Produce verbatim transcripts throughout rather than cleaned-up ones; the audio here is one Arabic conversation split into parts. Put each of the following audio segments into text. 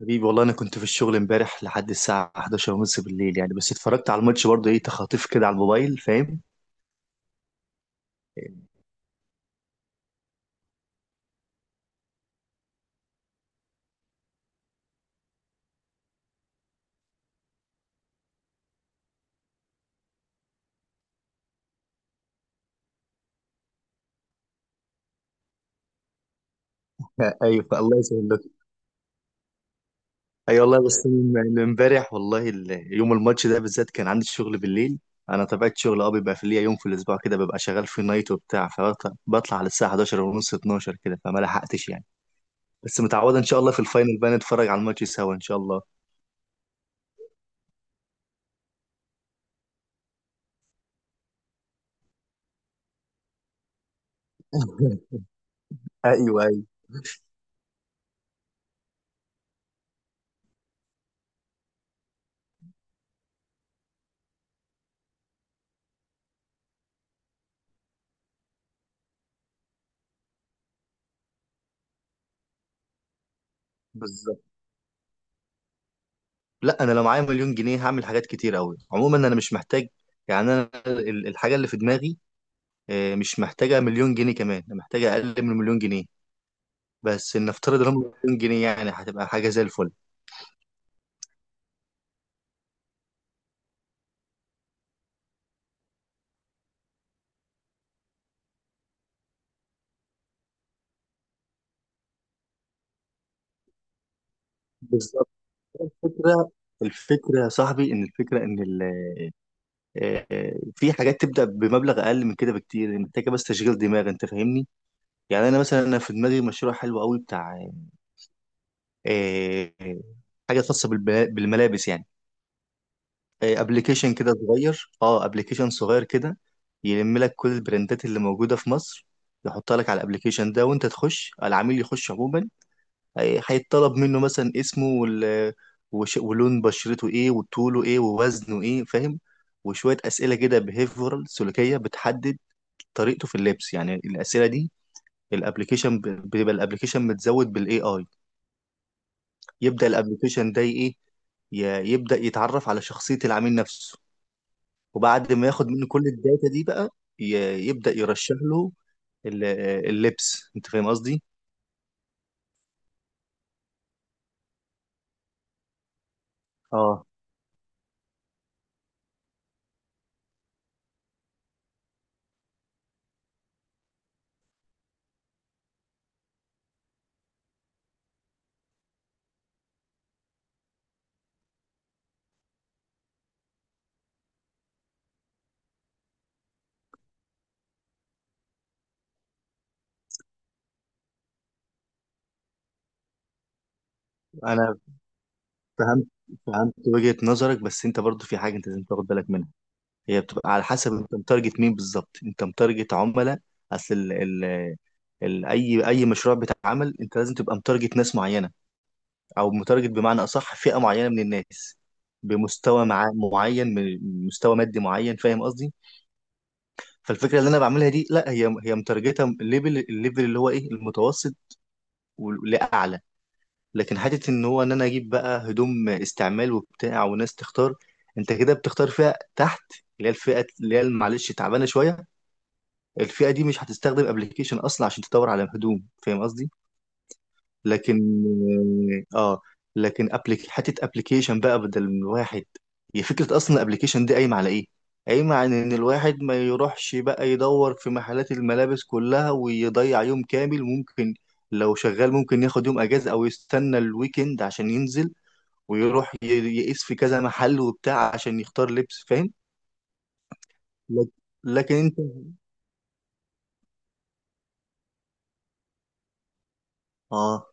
حبيبي والله انا كنت في الشغل امبارح لحد الساعه احداشر ونص بالليل يعني، بس اتفرجت على الماتش برضه، ايه تخاطيف كده على الموبايل، فاهم. ايوه، الله يسهل لك. اي والله، بس من- من امبارح والله ال- يوم الماتش ده بالذات كان عندي شغل بالليل. انا طبيعه شغل اه بيبقى في ليا يوم في الاسبوع كده، ببقى شغال في نايت وبتاع، فبطلع على الساعه إحدى عشر ونص اتناشر كده فما لحقتش يعني. بس متعوده، ان شاء الله في الفاينل بقى نتفرج على الماتش سوا ان شاء الله. ايوه ايوه، بالظبط. لا انا لو معايا مليون جنيه هعمل حاجات كتير قوي، عموما انا مش محتاج. يعني انا ال- الحاجه اللي في دماغي آه، مش محتاجه مليون جنيه، كمان انا محتاجه اقل من مليون جنيه. بس نفترض ان هم مليون جنيه، يعني هتبقى حاجه زي الفل. بالظبط. الفكره، الفكره يا صاحبي، ان الفكره ان ال- آه، آه، في حاجات تبدا بمبلغ اقل من كده بكتير، محتاجه بس تشغيل دماغ، انت فاهمني. يعني انا مثلا، انا في دماغي مشروع حلو قوي بتاع آه، آه، حاجه خاصه بالب- بالملابس يعني. ابلكيشن كده صغير، اه ابلكيشن صغير كده، يلم لك كل البراندات اللي موجوده في مصر، يحطها لك على الابلكيشن ده، وانت تخش، العميل يخش عموما، هي- هيطلب منه مثلا اسمه وال... وش... ولون بشرته ايه، وطوله ايه، ووزنه ايه، فاهم. وشويه اسئله كده بيهيفورال سلوكيه، بتحدد طريقته في اللبس يعني الاسئله دي. الابلكيشن ب- بيبقى الابلكيشن متزود بالاي اي. يبدا الابلكيشن ده ايه، ي- يبدا يتعرف على شخصيه العميل نفسه. وبعد ما ياخد منه كل الداتا دي بقى، ي- يبدأ يرشح له ال- اللبس، انت فاهم قصدي. اه انا فهمت، فهمت وجهة نظرك، بس انت برضو في حاجة انت لازم تاخد بالك منها. هي بتبقى على حسب انت متارجت مين بالظبط، انت متارجت عملاء. اصل ال ال ال اي اي مشروع بيتعمل انت لازم تبقى متارجت ناس معينة، او متارجت بمعنى اصح فئة معينة من الناس. بمستوى مع معين من- مستوى مادي معين، فاهم قصدي. فالفكره اللي انا بعملها دي لا، هي هي مترجته الليفل، الليفل اللي هو ايه، المتوسط و- لاعلى. لكن حته ان هو ان انا اجيب بقى هدوم استعمال وبتاع وناس تختار، انت كده بتختار فئه تحت، اللي هي الفئه اللي هي معلش تعبانه شويه. الفئه دي مش هتستخدم ابلكيشن اصلا عشان تدور على هدوم، فاهم قصدي. لكن اه، لكن أبليك... حته ابلكيشن بقى بدل من الواحد، هي فكره اصلا الابلكيشن دي قايمه على ايه، قايمه على ان الواحد ما يروحش بقى يدور في محلات الملابس كلها ويضيع يوم كامل، ممكن لو شغال ممكن ياخد يوم اجازه، او يستنى الويكند عشان ينزل ويروح ي- يقيس في كذا محل وبتاع عشان يختار لبس، فاهم. لك- لكن انت اه،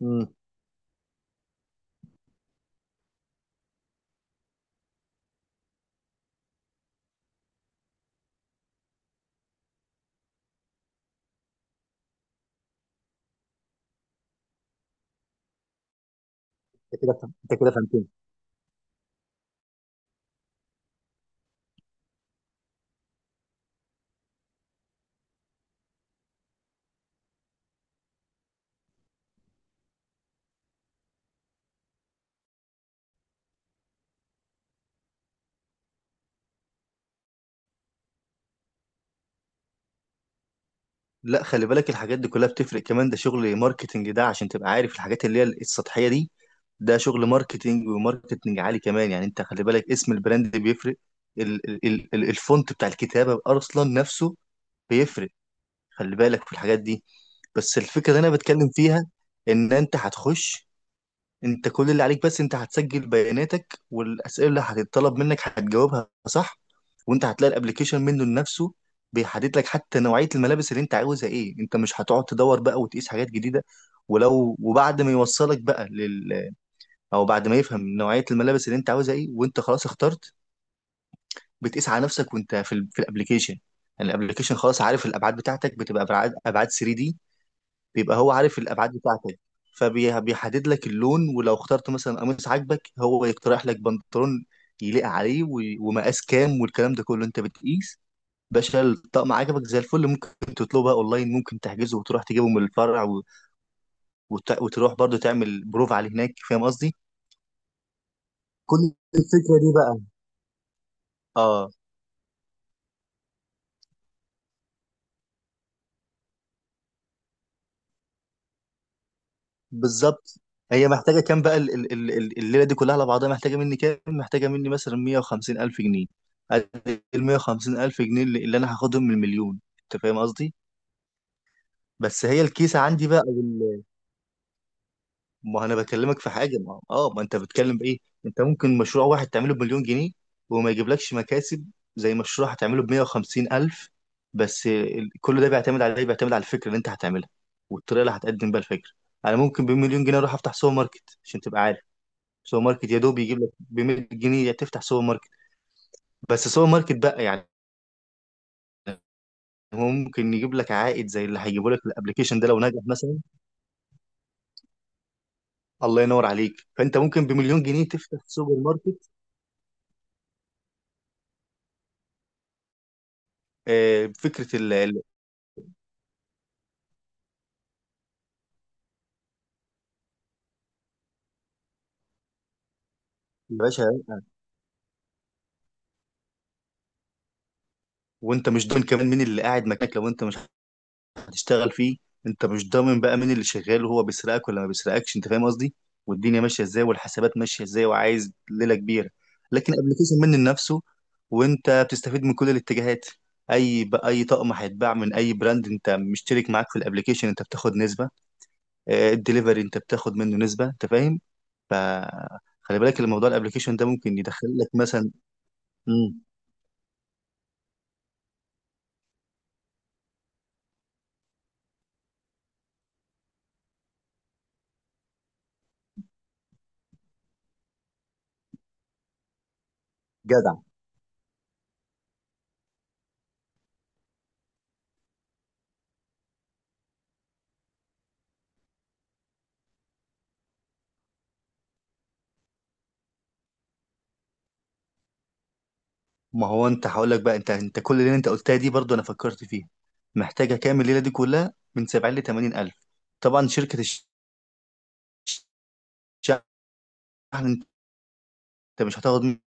امم، انت كده فهم- انت كده فهمت. لا خلي بالك، الحاجات دي كلها بتفرق، كمان ده شغل ماركتنج، ده عشان تبقى عارف الحاجات اللي هي السطحية دي، ده شغل ماركتنج وماركتنج عالي كمان يعني. انت خلي بالك، اسم البراند بيفرق، ال ال ال ال- الفونت بتاع الكتابة اصلا نفسه بيفرق، خلي بالك في الحاجات دي. بس الفكرة اللي انا بتكلم فيها، ان انت هتخش، انت كل اللي عليك بس انت هتسجل بياناتك، والاسئله اللي هتتطلب منك هتجاوبها صح، وانت هتلاقي الابلكيشن منه لنفسه بيحدد لك حتى نوعيه الملابس اللي انت عاوزها ايه، انت مش هتقعد تدور بقى وتقيس حاجات جديده. ولو، وبعد ما يوصلك بقى لل، او بعد ما يفهم نوعيه الملابس اللي انت عاوزها ايه، وانت خلاص اخترت، بتقيس على نفسك وانت في ال... في الابلكيشن. يعني الابلكيشن خلاص عارف الابعاد بتاعتك، بتبقى ابعاد ابعاد ثري دي، بيبقى هو عارف الابعاد بتاعتك، فبيحدد لك اللون. ولو اخترت مثلا قميص عاجبك، هو يقترح لك بنطلون يليق عليه و- ومقاس كام، والكلام ده كله انت بتقيس. باشا الطقم عجبك زي الفل، ممكن تطلبها اونلاين، ممكن تحجزه وتروح تجيبه من الفرع و- وت- وتروح برضه تعمل بروف عليه هناك، فاهم قصدي. كل الفكرة دي بقى، اه بالظبط، هي محتاجه كام بقى؟ ال- ال- ال- ال- الليله دي كلها على بعضها محتاجه مني كام؟ محتاجه مني مثلا مية وخمسين الف جنيه. ادي ال مية وخمسين الف جنيه اللي اللي انا هاخدهم من المليون، انت فاهم قصدي. بس هي الكيسه عندي بقى أو ال- ما انا بكلمك في حاجه ما اه، ما انت بتتكلم بايه. انت ممكن مشروع واحد تعمله بمليون جنيه وما يجيبلكش مكاسب زي مشروع هتعمله ب مية وخمسين الف. بس ال- كل ده بيعتمد على ايه، بيعتمد على الفكره اللي انت هتعملها، والطريقه اللي هتقدم بيها الفكره. انا ممكن بمليون جنيه اروح افتح سوبر ماركت عشان تبقى سوبر ماركت. يا دوب يجيب لك ب مية جنيه تفتح سوبر ماركت، بس سوبر ماركت بقى يعني. هو ممكن يجيب لك عائد زي اللي هيجيبه لك الابلكيشن ده لو نجح مثلا؟ الله ينور عليك. فانت ممكن بمليون جنيه تفتح سوبر ماركت آه، بفكره ال ال- يا باشا، آه، وانت مش ضامن كمان مين اللي قاعد مكانك لو انت مش هتشتغل فيه. انت مش ضامن بقى مين اللي شغال وهو بيسرقك ولا ما بيسرقكش، انت فاهم قصدي، والدنيا ماشيه ازاي، والحسابات ماشيه ازاي، وعايز ليله كبيره. لكن ابلكيشن منه لنفسه وانت بتستفيد من كل الاتجاهات، اي ب... اي طقم هيتباع من اي براند انت مشترك معاك في الابلكيشن، انت بتاخد نسبه. آه، الدليفري انت بتاخد منه نسبه، انت فاهم؟ ف، خلي بالك الموضوع، الابلكيشن ده ممكن يدخل لك مثلا، مم، جدع. ما هو انت هقول لك بقى، انت انت كل الليله انت قلتها دي برضو انا فكرت فيها. محتاجه كام الليله دي كلها؟ من سبعين ل تمانين الف. طبعا شركه الشحن انت مش هتاخد منك،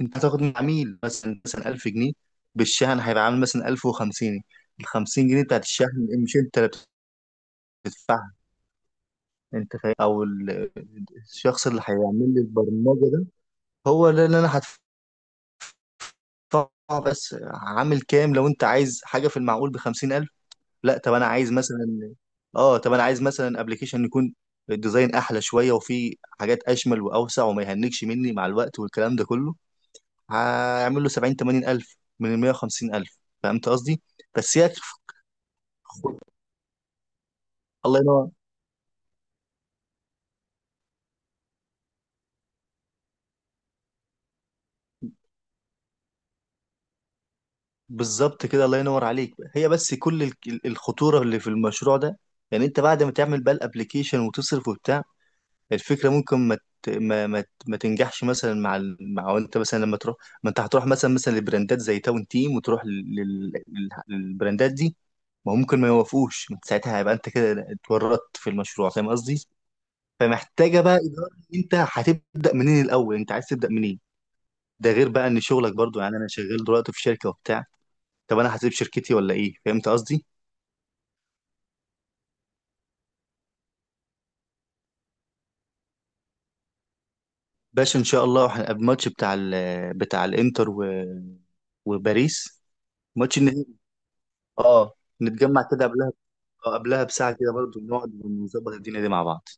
انت هتاخد من عميل مثلا، مثلا الف جنيه بالشحن هيبقى عامل مثلا الف وخمسين. ال خمسين جنيه بتاعت الشحن مش انت اللي بتدفعها، انت فاهم. او ال- الشخص اللي هيعمل لي البرمجه ده، هو اللي اللي انا هدفعه. بس عامل كام؟ لو انت عايز حاجه في المعقول ب خمسين الف، لا طب انا عايز مثلا، اه طب انا عايز مثلا ابلكيشن يكون الديزاين احلى شويه، وفيه حاجات اشمل واوسع وما يهنكش مني مع الوقت، والكلام ده كله هعمل له سبعين تمانين الف من ال مية وخمسين الف، فهمت قصدي. بس هي، الله ينور. بالظبط كده، الله ينور عليك. هي بس كل ال- ال- الخطوره اللي في المشروع ده، يعني انت بعد ما تعمل بقى الابلكيشن وتصرف وبتاع، الفكرة ممكن ما ت- ما ما, ت- ما تنجحش مثلا مع ال... مع انت مثلا لما تروح. ما انت هتروح مثلا، مثلا لبراندات زي تاون تيم وتروح لل... لل... للبراندات دي، ما هو ممكن ما يوافقوش، انت ساعتها هيبقى انت كده اتورطت في المشروع، فاهم قصدي. فمحتاجة بقى إدارة، انت هتبدأ منين الأول، انت عايز تبدأ منين. ده غير بقى ان شغلك برضو، يعني انا شغال دلوقتي في شركة وبتاع، طب انا هسيب شركتي ولا ايه، فهمت قصدي. باشا ان شاء الله هنبقى الماتش بتاع ال... بتاع الانتر و، وباريس ماتش، اه، نتجمع كده قبلها، آه، قبلها بساعة كده برضو نقعد ونظبط الدنيا دي مع بعض.